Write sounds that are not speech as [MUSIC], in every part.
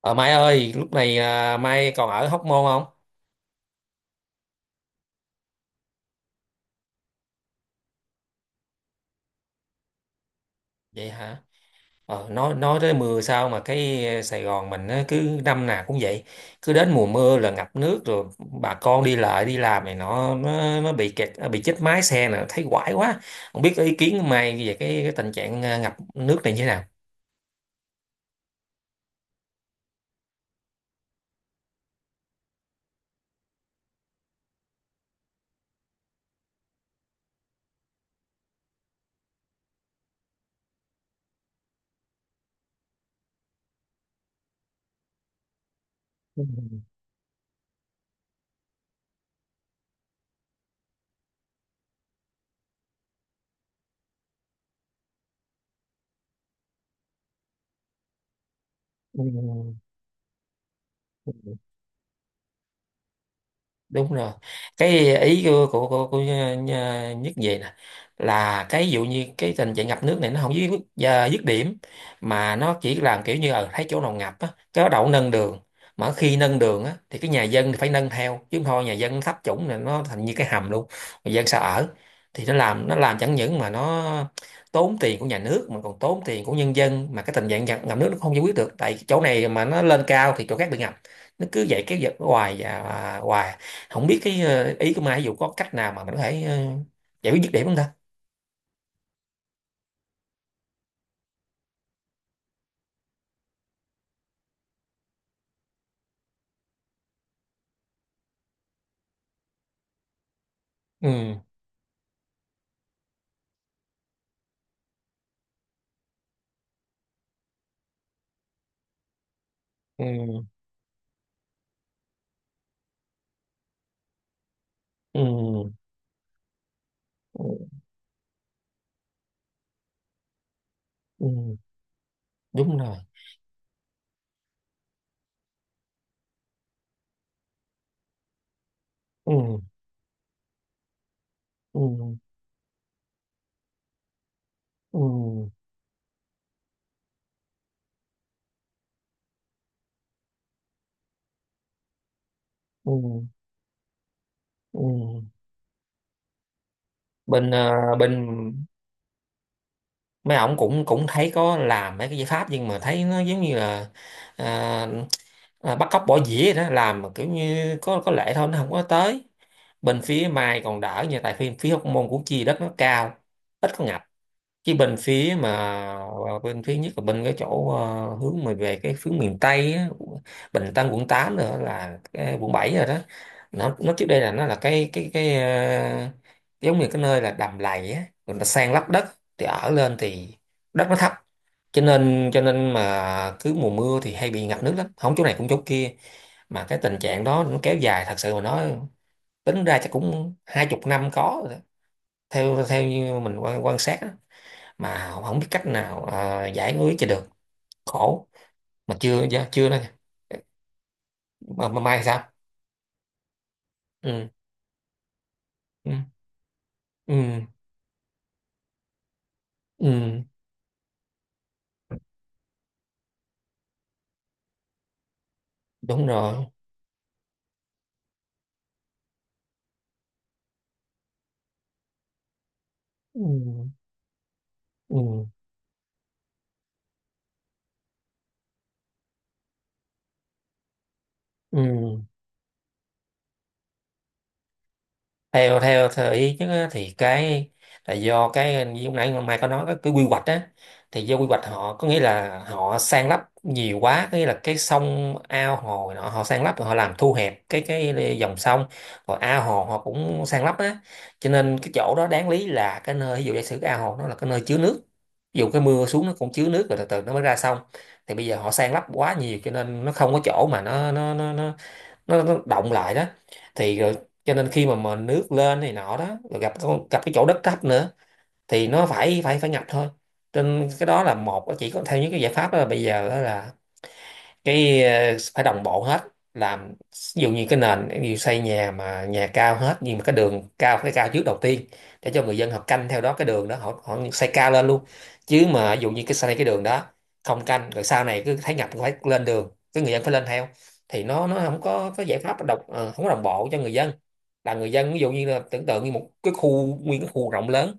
Ờ Mai ơi, lúc này Mai còn ở Hóc Môn không? Vậy hả? Nói tới mưa sao mà cái Sài Gòn mình á, cứ năm nào cũng vậy, cứ đến mùa mưa là ngập nước rồi, bà con đi lại đi làm này nó bị kẹt à, bị chết mái xe nè, thấy quái quá. Không biết ý kiến của Mai về cái tình trạng ngập nước này như thế nào? Ừ. Ừ. Đúng rồi, cái ý của Nh- nhất về nè là cái dụ như cái tình trạng ngập nước này nó không dứt à, dứt điểm, mà nó chỉ làm kiểu như ở thấy chỗ nào ngập á cái đậu nâng đường, mà khi nâng đường á thì cái nhà dân thì phải nâng theo, chứ không thôi nhà dân thấp chủng này nó thành như cái hầm luôn, người dân sao ở. Thì nó làm chẳng những mà nó tốn tiền của nhà nước mà còn tốn tiền của nhân dân, mà cái tình trạng ngập nước nó không giải quyết được tại chỗ này mà nó lên cao thì chỗ khác bị ngập. Nó cứ vậy kéo dài hoài và hoài. Không biết cái ý của Mai ví dụ có cách nào mà mình có thể giải quyết dứt điểm không ta. Ừ. Ừ. Ừ. Ừ. Ừ, đúng rồi. Ừ. Ừ. Ừ. Ừ. Ừ. Bên bên mấy ổng cũng cũng thấy có làm mấy cái giải pháp nhưng mà thấy nó giống như là à, bắt cóc bỏ dĩa vậy đó, làm mà kiểu như có lệ thôi, nó không có tới. Bên phía Mai còn đỡ nha, tại phía phía Hóc Môn của chi đất nó cao, ít có ngập. Cái bên phía mà bên phía nhất là bên cái chỗ hướng mà về cái hướng miền Tây á, Bình Tân, quận tám, nữa là cái quận 7 rồi đó. Nó trước đây là nó là cái giống như cái nơi là đầm lầy á, người ta san lấp đất thì ở lên thì đất nó thấp, cho nên mà cứ mùa mưa thì hay bị ngập nước lắm, không chỗ này cũng chỗ kia. Mà cái tình trạng đó nó kéo dài, thật sự mà nói tính ra chắc cũng hai chục năm có rồi đó. Theo theo như mình quan sát á, mà không không biết cách nào giải quyết cho được, khổ. Mà chưa dạ, chưa đó nha. Mà Mai sao. Ừ. Ừ. Ừ. Ừ. Đúng rồi. Ừ. Ừ. Ừ. theo theo theo ý chứ á, thì cái là do cái như lúc nãy Mai có nói cái quy hoạch á, thì do quy hoạch họ có nghĩa là họ san lấp nhiều quá, có nghĩa là cái sông ao hồ này nọ họ san lấp, rồi họ làm thu hẹp cái dòng sông, rồi ao hồ họ cũng san lấp á. Cho nên cái chỗ đó đáng lý là cái nơi, ví dụ giả sử cái ao hồ nó là cái nơi chứa nước, ví dụ cái mưa xuống nó cũng chứa nước rồi từ từ nó mới ra sông. Thì bây giờ họ san lấp quá nhiều cho nên nó không có chỗ mà nó động lại đó. Thì rồi cho nên khi mà nước lên này nọ đó rồi gặp con- gặp cái chỗ đất thấp nữa thì nó phải phải phải ngập thôi. Trên cái đó là một, chỉ có theo những cái giải pháp đó là bây giờ đó là cái ờ, phải đồng bộ hết. Làm ví dụ như cái nền, ví dụ xây nhà mà nhà cao hết nhưng mà cái đường cao phải cao trước đầu tiên, để cho người dân họ canh theo đó, cái đường đó họ họ xây cao lên luôn. Chứ mà ví dụ như cái xây cái đường đó không canh, rồi sau này cứ thấy ngập phải lên đường cái người dân phải lên theo, thì nó không có giải pháp đồng ờ, không có đồng bộ cho người dân. Là người dân ví dụ như là tưởng tượng như một cái khu, nguyên cái khu rộng lớn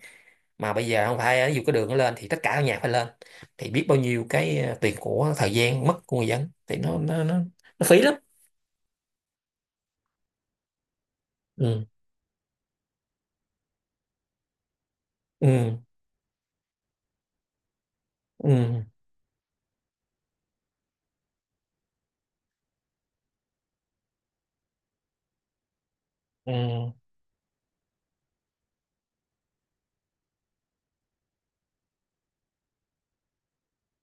mà bây giờ không phải, ví dụ cái đường nó lên thì tất cả các nhà phải lên, thì biết bao nhiêu cái ờ, tiền của, thời gian mất của người dân, thì nó phí lắm. Ừ. Ừ. Ừ. Ừ.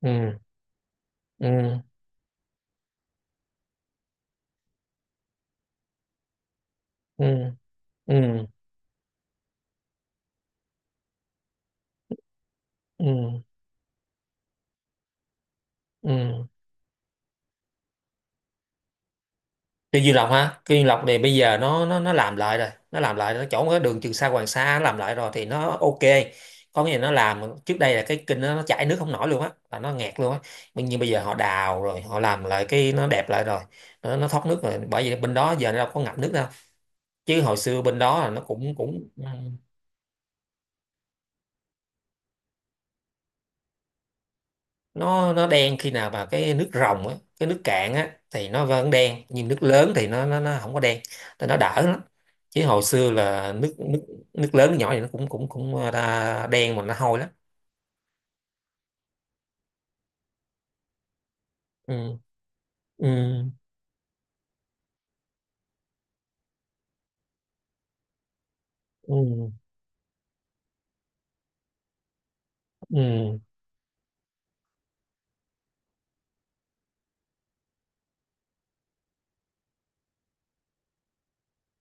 Ừ. Ừ. Ừ. Ừ. Ừ. Ừ. Cây Dương Lộc ha, cây Dương Lộc này bây giờ nó làm lại rồi, nó làm lại nó chỗ cái đường Trường Sa Hoàng Sa, nó làm lại rồi thì nó ok. Có nghĩa là nó làm trước đây là cái kênh nó chảy nước không nổi luôn á, là nó nghẹt luôn á. Nhưng bây giờ họ đào rồi họ làm lại, cái nó đẹp lại rồi. Nó thoát nước rồi, bởi vì bên đó giờ nó đâu có ngập nước đâu. Chứ hồi xưa bên đó là nó cũng cũng ừ, nó đen khi nào mà cái nước ròng á, cái nước cạn á thì nó vẫn đen, nhưng nước lớn thì nó không có đen. Thì nó đỡ lắm. Chứ hồi xưa là nước nước, nước lớn nước nhỏ thì nó cũng cũng cũng đen mà nó hôi lắm. Ừ. Ừ. Ừ. Ừ.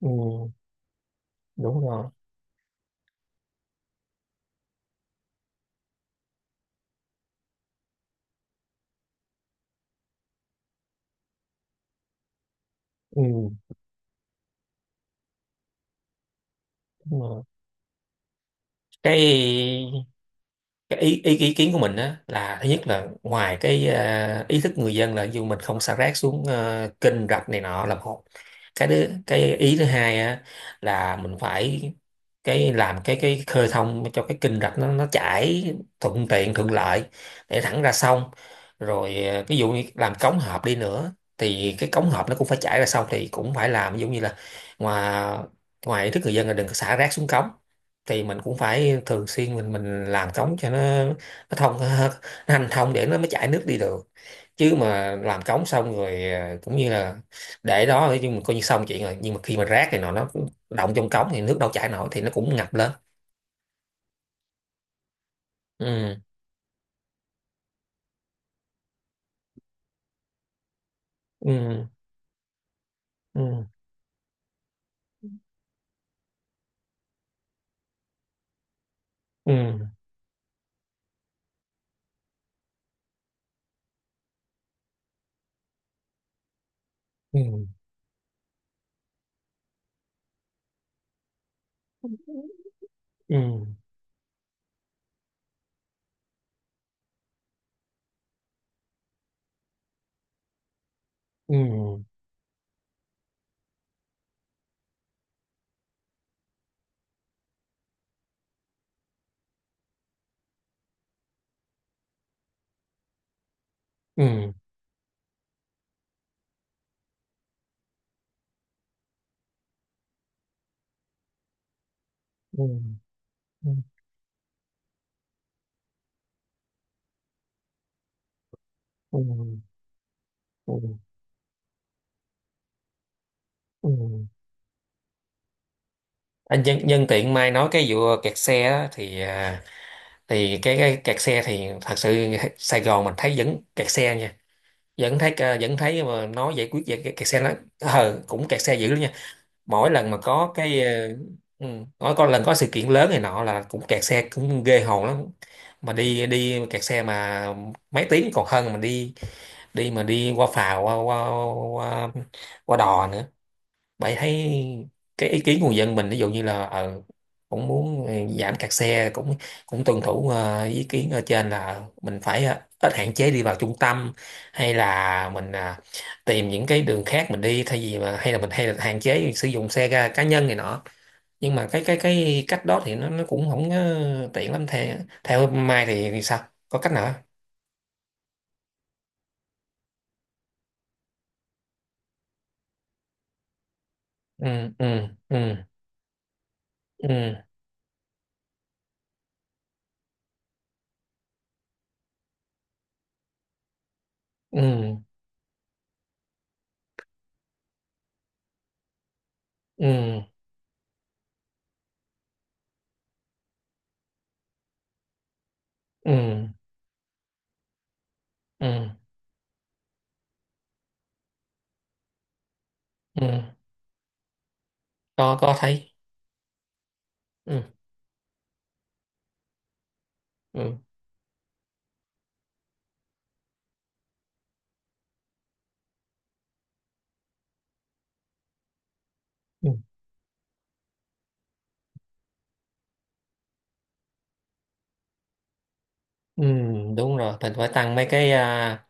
Ừ. Đúng rồi. Ừ. Đúng rồi. cái cái ý, ý ý kiến của mình á, là thứ nhất là ngoài cái à, ý thức người dân là dù mình không xả rác xuống à, kênh rạch này nọ là một. Cái ý thứ hai á là mình phải làm cái khơi thông cho cái kênh rạch nó chảy thuận tiện thuận lợi để thẳng ra sông. Rồi à, ví dụ như làm cống hộp đi nữa thì cái cống hộp nó cũng phải chảy ra sông, thì cũng phải làm ví dụ như là ngoài ngoài ý thức người dân là đừng có xả rác xuống cống, thì mình cũng phải thường xuyên mình làm cống cho nó thông [LAUGHS] nó hành thông để nó mới chảy nước đi được. Chứ mà làm cống xong rồi à, cũng như là để đó chứ mình coi như xong chuyện rồi, nhưng mà khi mà rác này nọ nó cũng động trong cống thì nước đâu chảy nổi, thì nó cũng ngập lên. Ừ. Ừ. Ừ. Ừ. Ừ. Ừ. Ừ. Ừ. Ừ. Ừ. Ừ. Ừ. Ừ. Nhân tiện Mai nói cái vụ kẹt xe á, thì thì cái kẹt xe thì thật sự Sài Gòn mình thấy vẫn kẹt xe nha. Vẫn thấy ờ, vẫn thấy mà nó giải quyết về cái kẹt xe nó ờ cũng kẹt xe dữ lắm nha. Mỗi lần mà có cái ừ, mỗi có lần có sự kiện lớn này nọ là cũng kẹt xe cũng ghê hồn lắm. Mà đi đi kẹt xe mà mấy tiếng còn hơn, mà đi đi mà đi qua phà qua qua qua, qua đò nữa, bạn thấy. Cái ý kiến của người dân mình ví dụ như là cũng muốn giảm kẹt xe, cũng cũng tuân thủ ờ, ý kiến ở trên là mình phải ít hạn chế đi vào trung tâm, hay là mình tìm những cái đường khác mình đi, thay vì mà hay là mình hay là hạn chế sử dụng xe ga cá nhân này nọ. Nhưng mà cái cách đó thì nó cũng không ờ, tiện lắm. Theo theo Mai thì sao có cách nào không? Ừ. Ừ. Ừ. Ừ. Ừ. Ừ. Ừ. Ừ. Ừ. Ừ. Có thấy. Ừ. Ừ. Ừ. Ừ, đúng rồi, mình phải tăng mấy cái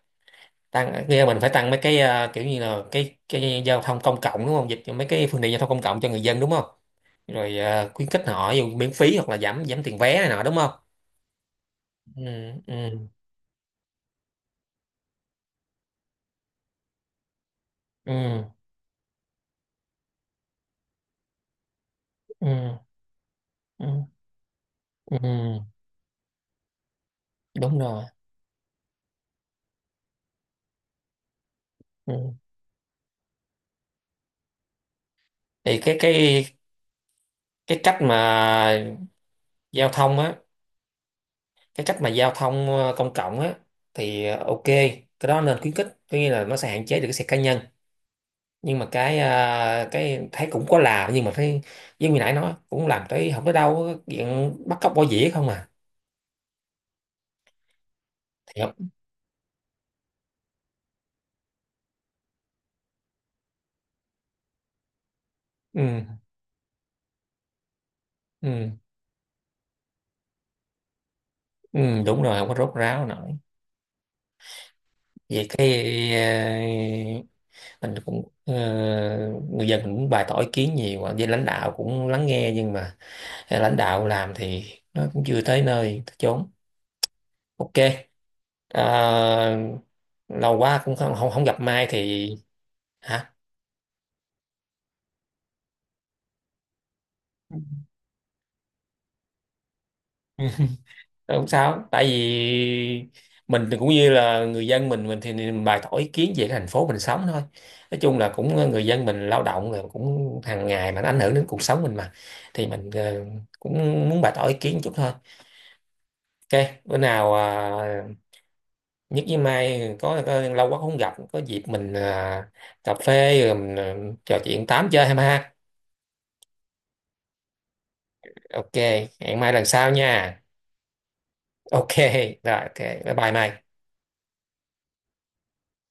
tăng kia, mình phải tăng mấy cái à, kiểu như là cái giao thông công cộng đúng không, dịch cho mấy cái phương tiện giao thông công cộng cho người dân đúng không. Rồi à, khuyến khích họ dù miễn phí hoặc là giảm giảm tiền vé này nọ đúng không. Ừ. Ừ. Ừ. Ừ. Ừ. Ừ, đúng rồi. Ừ. Thì cái cách mà giao thông á, cái cách mà giao thông ờ, công cộng á, thì ờ, ok, cái đó nên khuyến khích, có nghĩa là nó sẽ hạn chế được cái xe cá nhân. Nhưng mà cái à, cái thấy cũng có làm nhưng mà thấy giống như nãy nói, cũng làm tới không tới đâu á, chuyện bắt cóc bỏ dĩa không à. Thiệt. ừ, ừ, ừ, đúng rồi, không có rốt ráo nổi. Vậy cái ờ, mình cũng ờ, người dân mình cũng bày tỏ ý kiến nhiều à, với lãnh đạo cũng lắng nghe, nhưng mà à, lãnh đạo làm thì nó cũng chưa tới nơi tới chốn. Ok. Ờ, lâu quá cũng không không, không gặp Mai thì. Hả. Ừ. Ờ, không sao, tại vì mình thì cũng như là người dân, mình thì mình bày tỏ ý kiến về cái thành phố mình sống thôi. Nói chung là cũng ờ, người dân mình lao động rồi cũng hàng ngày mà nó ảnh hưởng đến cuộc sống mình mà, thì mình ờ, cũng muốn bày tỏ ý kiến chút thôi. Ok, bữa nào à, nhất với Mai có lâu quá không gặp, có dịp mình à, cà phê rồi ờ, trò chuyện tám chơi em ha. Ok. Hẹn Mai lần sau nha. Ok rồi, ok. Bye bye Mai.